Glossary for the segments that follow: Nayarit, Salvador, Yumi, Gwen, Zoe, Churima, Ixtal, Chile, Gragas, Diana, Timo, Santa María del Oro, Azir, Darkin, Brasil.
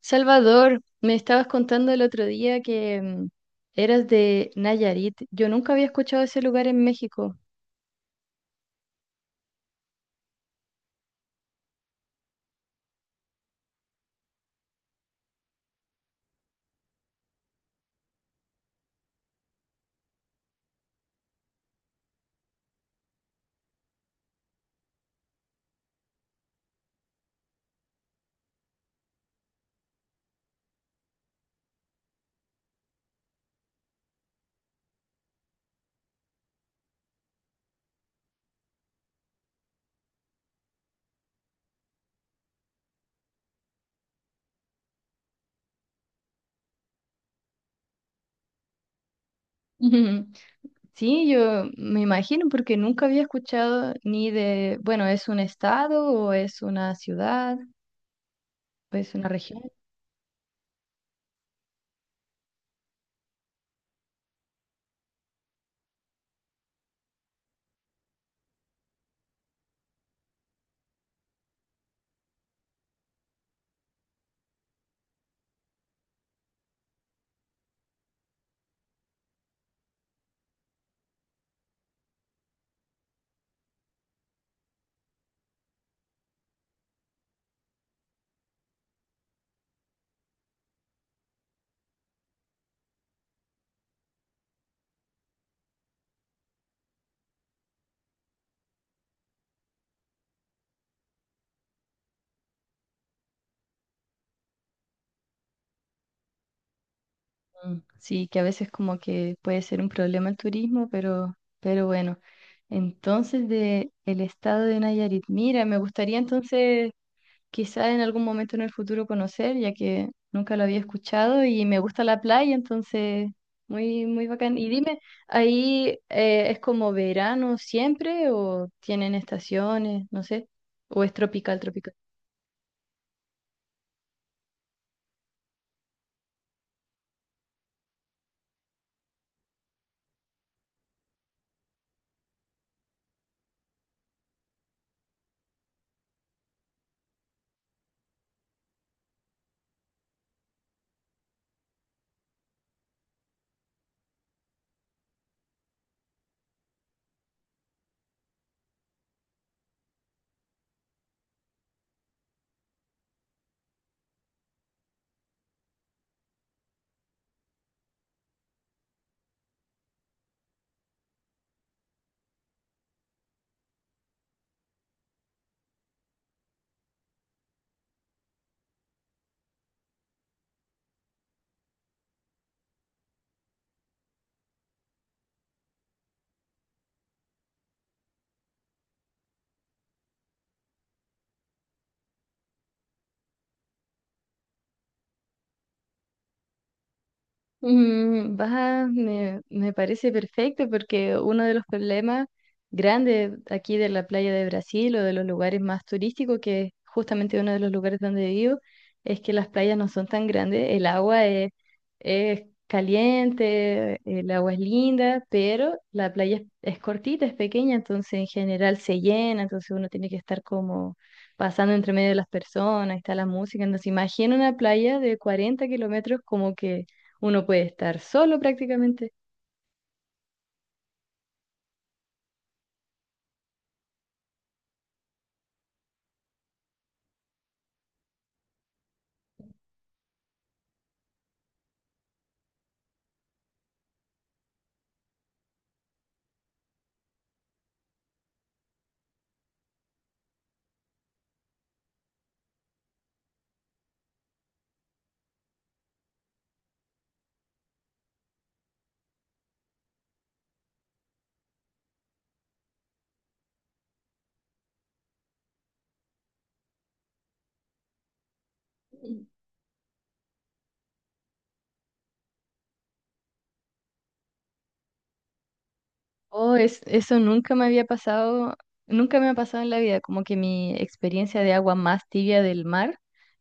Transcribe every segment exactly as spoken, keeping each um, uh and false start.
Salvador, me estabas contando el otro día que mm, eras de Nayarit. Yo nunca había escuchado ese lugar en México. Ujú. Sí, yo me imagino porque nunca había escuchado ni de, bueno, ¿es un estado o es una ciudad o es una región? Mm, sí, que a veces como que puede ser un problema el turismo, pero, pero bueno. Entonces, de el estado de Nayarit. Mira, me gustaría entonces quizá en algún momento en el futuro conocer, ya que nunca lo había escuchado y me gusta la playa, entonces muy, muy bacán. Y dime, ¿ahí eh, es como verano siempre o tienen estaciones, no sé, o es tropical, tropical? Mm, va, me, me parece perfecto porque uno de los problemas grandes aquí de la playa de Brasil o de los lugares más turísticos, que es justamente uno de los lugares donde vivo, es que las playas no son tan grandes, el agua es, es caliente, el agua es linda, pero la playa es, es cortita, es pequeña, entonces en general se llena, entonces uno tiene que estar como pasando entre medio de las personas, está la música, entonces imagina una playa de cuarenta kilómetros como que uno puede estar solo prácticamente. Oh, es, eso nunca me había pasado, nunca me ha pasado en la vida, como que mi experiencia de agua más tibia del mar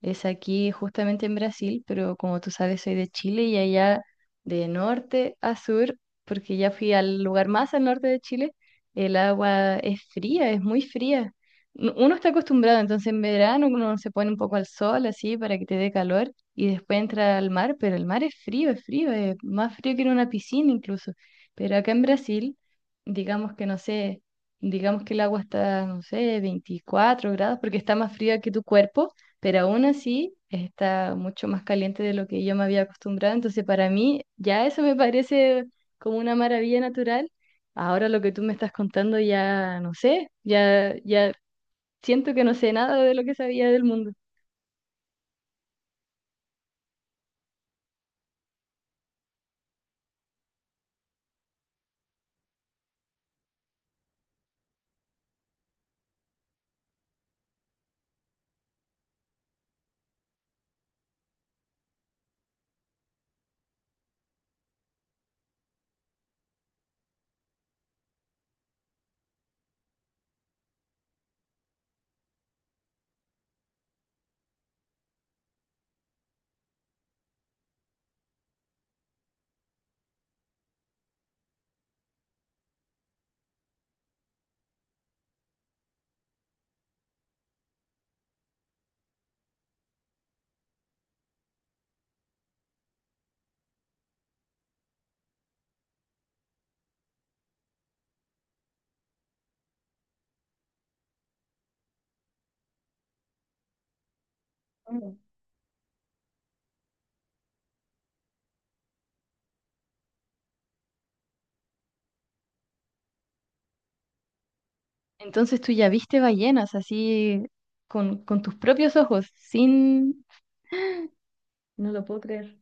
es aquí justamente en Brasil, pero como tú sabes soy de Chile y allá de norte a sur, porque ya fui al lugar más al norte de Chile, el agua es fría, es muy fría. Nu- Uno está acostumbrado, entonces en verano uno se pone un poco al sol así para que te dé calor y después entra al mar, pero el mar es frío, es frío, es más frío que en una piscina incluso. Pero acá en Brasil digamos que no sé, digamos que el agua está, no sé, veinticuatro grados, porque está más fría que tu cuerpo, pero aún así está mucho más caliente de lo que yo me había acostumbrado. Entonces, para mí, ya eso me parece como una maravilla natural. Ahora lo que tú me estás contando ya no sé, ya, ya siento que no sé nada de lo que sabía del mundo. Mm. Entonces tú ya viste ballenas así con, con tus propios ojos, sin... No lo puedo creer.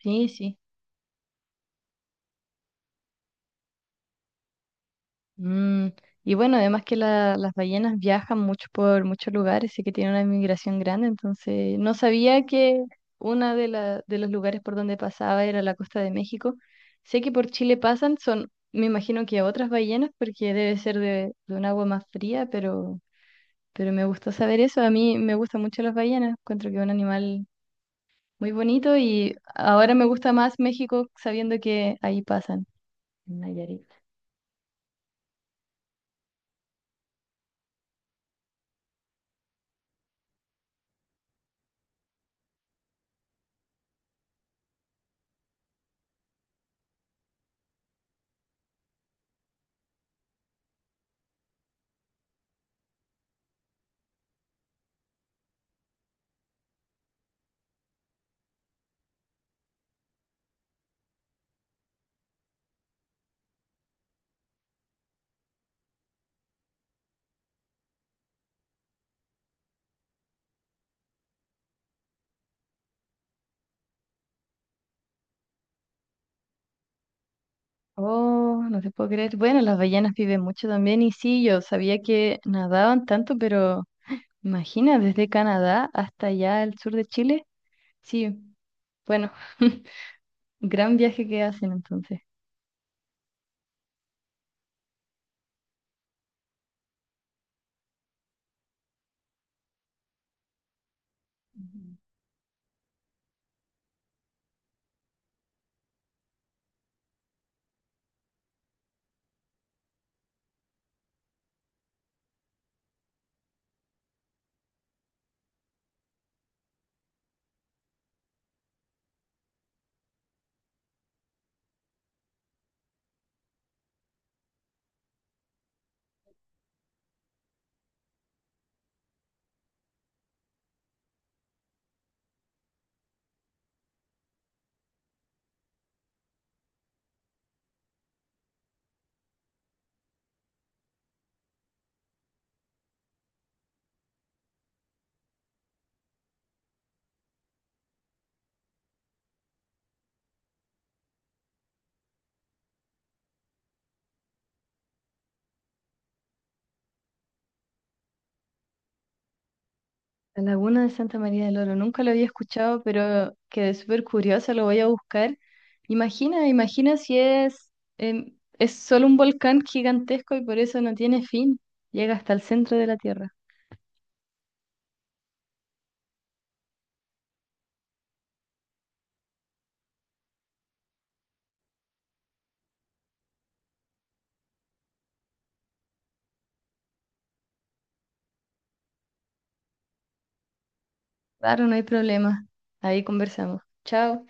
Sí, sí. Mm, y bueno, además que la- las ballenas viajan mucho por muchos lugares y que tienen una migración grande, entonces no sabía que uno de, la- de los lugares por donde pasaba era la costa de México. Sé que por Chile pasan, son, me imagino que otras ballenas, porque debe ser de, de un agua más fría, pero, pero me gustó saber eso. A mí me gustan mucho las ballenas, encuentro que es un animal muy bonito y ahora me gusta más México sabiendo que ahí pasan, en Nayarit. Oh, no te puedo creer. Bueno, las ballenas viven mucho también y sí, yo sabía que nadaban tanto, pero imagina, desde Canadá hasta allá al sur de Chile. Sí, bueno, gran viaje que hacen entonces. Ujú. La laguna de Santa María del Oro, nunca lo había escuchado, pero quedé súper curiosa, lo voy a buscar. Imagina, imagina si es, em, es solo un volcán gigantesco y por eso no tiene fin. Llega hasta el centro de la Tierra. Claro, no hay problema. Ahí conversamos. Chao.